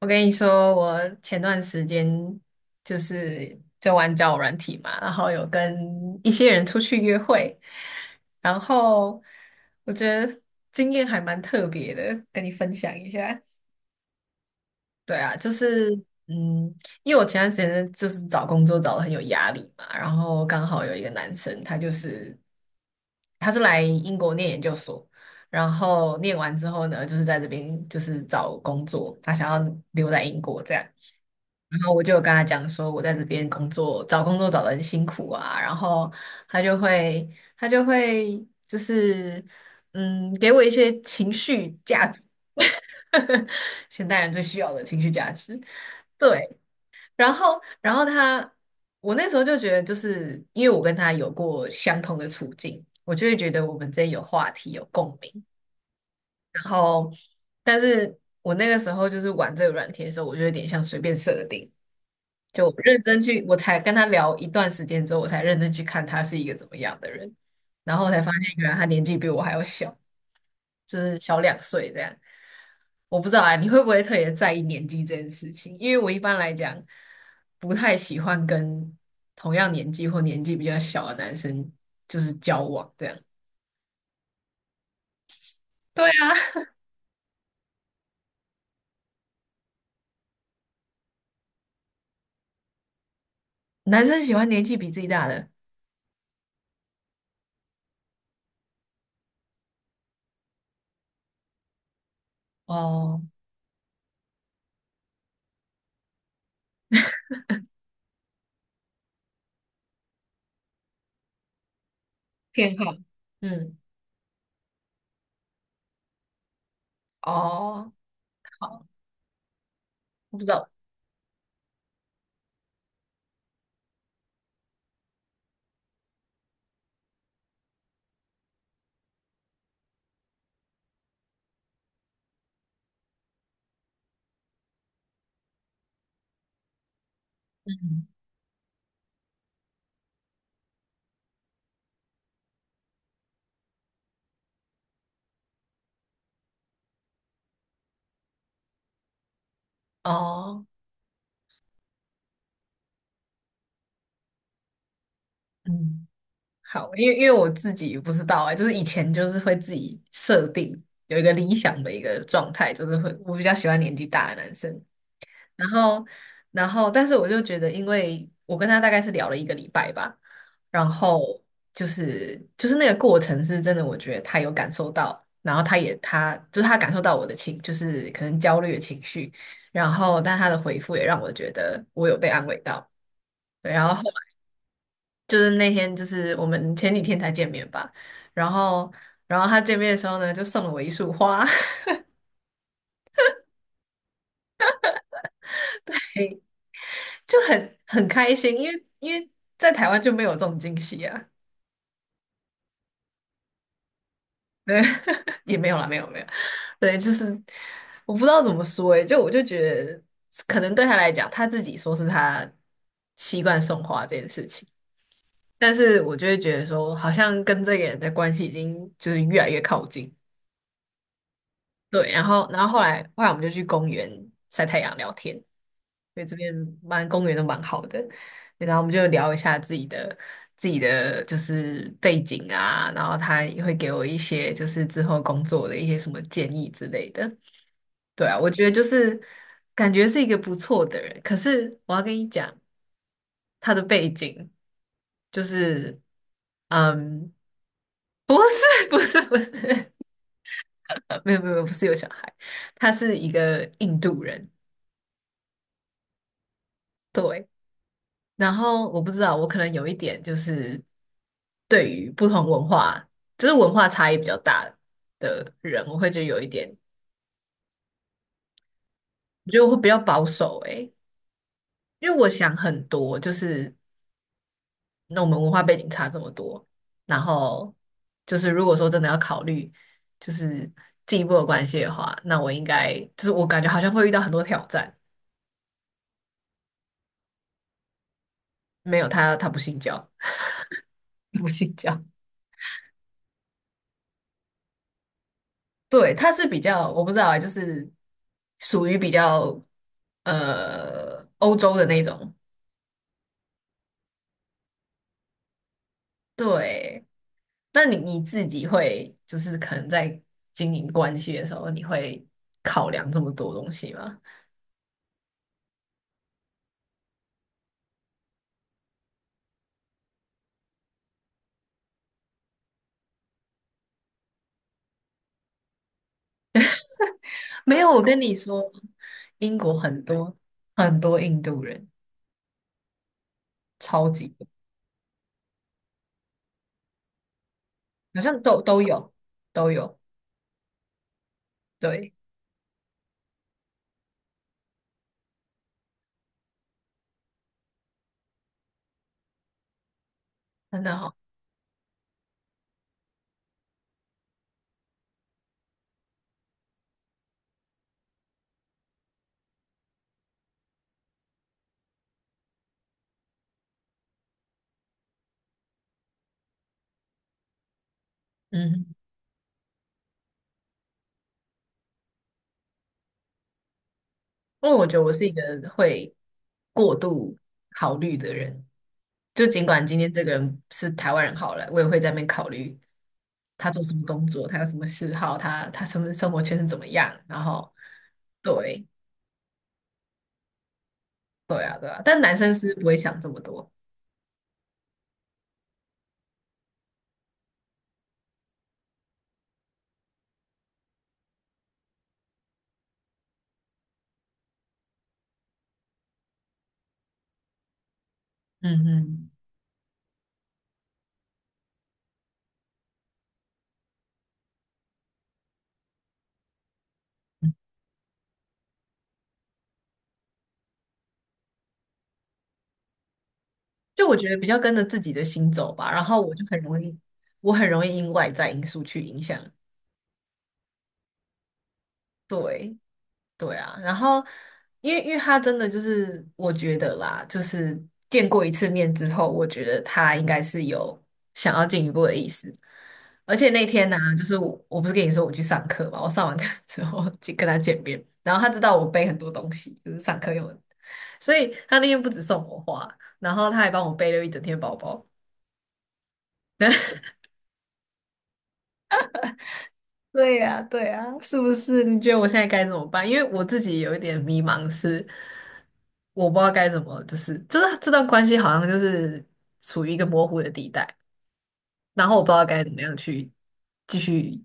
我跟你说，我前段时间就玩交友软体嘛，然后有跟一些人出去约会，然后我觉得经验还蛮特别的，跟你分享一下。对啊，嗯，因为我前段时间就是找工作找的很有压力嘛，然后刚好有一个男生，他就是。他是来英国念研究所，然后念完之后呢，就是在这边就是找工作，他想要留在英国这样。然后我就有跟他讲说，我在这边工作，找工作找得很辛苦啊。然后他就会，他就会就是，给我一些情绪价值，现代人最需要的情绪价值。对，然后，然后他，我那时候就觉得，就是因为我跟他有过相同的处境，我就会觉得我们之间有话题、有共鸣。然后，但是我那个时候就是玩这个软体的时候，我就有点像随便设定，就我认真去，我才跟他聊一段时间之后，我才认真去看他是一个怎么样的人，然后我才发现原来他年纪比我还要小。就是小2岁这样。我不知道啊，你会不会特别在意年纪这件事情？因为我一般来讲不太喜欢跟同样年纪或年纪比较小的男生就是交往这样。对啊，男生喜欢年纪比自己大的。哦，偏好。嗯。哦。好。我不知道。嗯。哦。嗯。好，因为我自己不知道啊、就是以前就是会自己设定有一个理想的一个状态，就是会我比较喜欢年纪大的男生。然后，但是我就觉得，因为我跟他大概是聊了1个礼拜吧，然后就是那个过程是真的，我觉得他有感受到，然后他也他就是他感受到我的情，就是可能焦虑的情绪，然后但他的回复也让我觉得我有被安慰到。对，然后后来就是那天，就是我们前几天才见面吧，然后，然后他见面的时候呢，就送了我一束花。嘿，就很开心，因为在台湾就没有这种惊喜啊。对，也没有啦，没有，对，就是我不知道怎么说诶，就我就觉得，可能对他来讲，他自己说是他习惯送花这件事情，但是我就会觉得说，好像跟这个人的关系已经就是越来越靠近。对，然后后来我们就去公园晒太阳聊天，因为这边蛮公园都蛮好的。对，然后我们就聊一下自己的就是背景啊，然后他也会给我一些就是之后工作的一些什么建议之类的。对啊，我觉得就是感觉是一个不错的人，可是我要跟你讲，他的背景就是，嗯，不是 不是，没有，不是有小孩，他是一个印度人。对，然后我不知道，我可能有一点就是对于不同文化，就是文化差异比较大的人，我会觉得有一点，我觉得我会比较保守诶，因为我想很多，就是那我们文化背景差这么多，然后就是如果说真的要考虑就是进一步的关系的话，那我应该就是我感觉好像会遇到很多挑战。没有他，他不信教。不信教。对，他是比较，我不知道啊，就是属于比较欧洲的那种。对，那你你自己会就是可能在经营关系的时候，你会考量这么多东西吗？没有，我跟你说，英国很多很多印度人，超级多，好像都有都有，对，真的好。嗯哼，因为我觉得我是一个会过度考虑的人，就尽管今天这个人是台湾人好了，我也会在那边考虑他做什么工作，他有什么嗜好，他什么生活圈是怎么样，然后对。对啊，但男生是不会想这么多。嗯嗯。就我觉得比较跟着自己的心走吧，然后我就很容易，我很容易因外在因素去影响。对，对啊，然后因为他真的就是我觉得啦，就是见过一次面之后，我觉得他应该是有想要进一步的意思。而且那天呢、就是我不是跟你说我去上课嘛，我上完课 之后就跟他见面，然后他知道我背很多东西，就是上课用的，所以他那天不止送我花，然后他还帮我背了一整天包包。对呀，对呀，是不是？你觉得我现在该怎么办？因为我自己有一点迷茫是，我不知道该怎么，就是这段关系好像就是处于一个模糊的地带，然后我不知道该怎么样去继续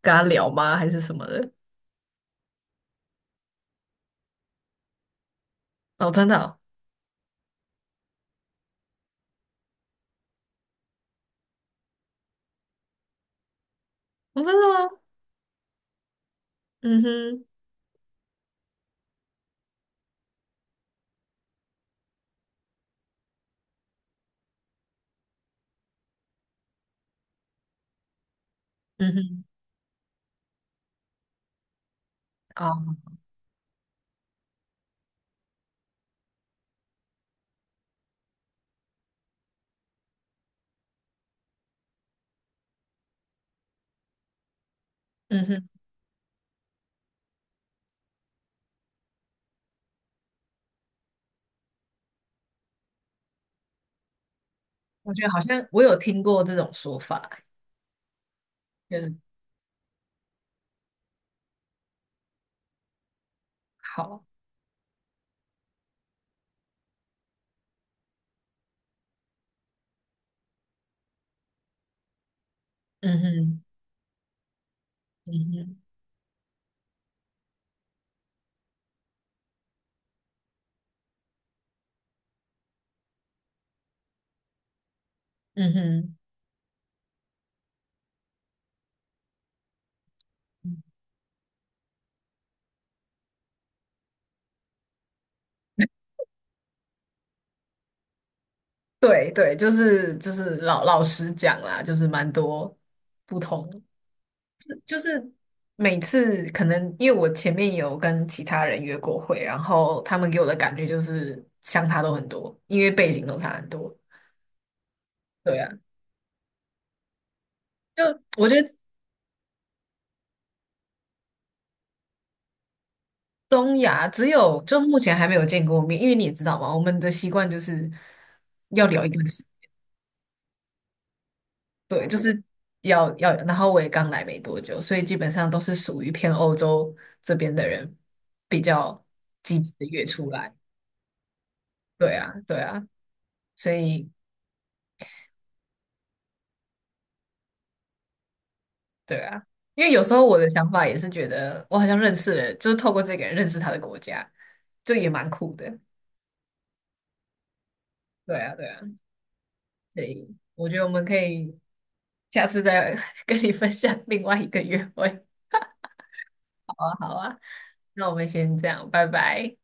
跟他聊吗，还是什么的？哦，真的哦。哦，真的吗？嗯哼。嗯哼。哦。嗯哼。我觉得好像我有听过这种说法，就是好。嗯哼。嗯哼。嗯哼。嗯。对对，就是老老实讲啦，就是蛮多不同，就是每次可能因为我前面有跟其他人约过会，然后他们给我的感觉就是相差都很多，因为背景都差很多。对啊，就我觉得东亚只有就目前还没有见过面，因为你也知道嘛，我们的习惯就是要聊一段时。对，就是要要，然后我也刚来没多久，所以基本上都是属于偏欧洲这边的人比较积极的约出来。对啊，对啊，所以对啊，因为有时候我的想法也是觉得我好像认识了，就是透过这个人认识他的国家，这也蛮酷的。对啊，对啊，所以我觉得我们可以下次再 跟你分享另外一个约会。好啊，好啊，那我们先这样，拜拜。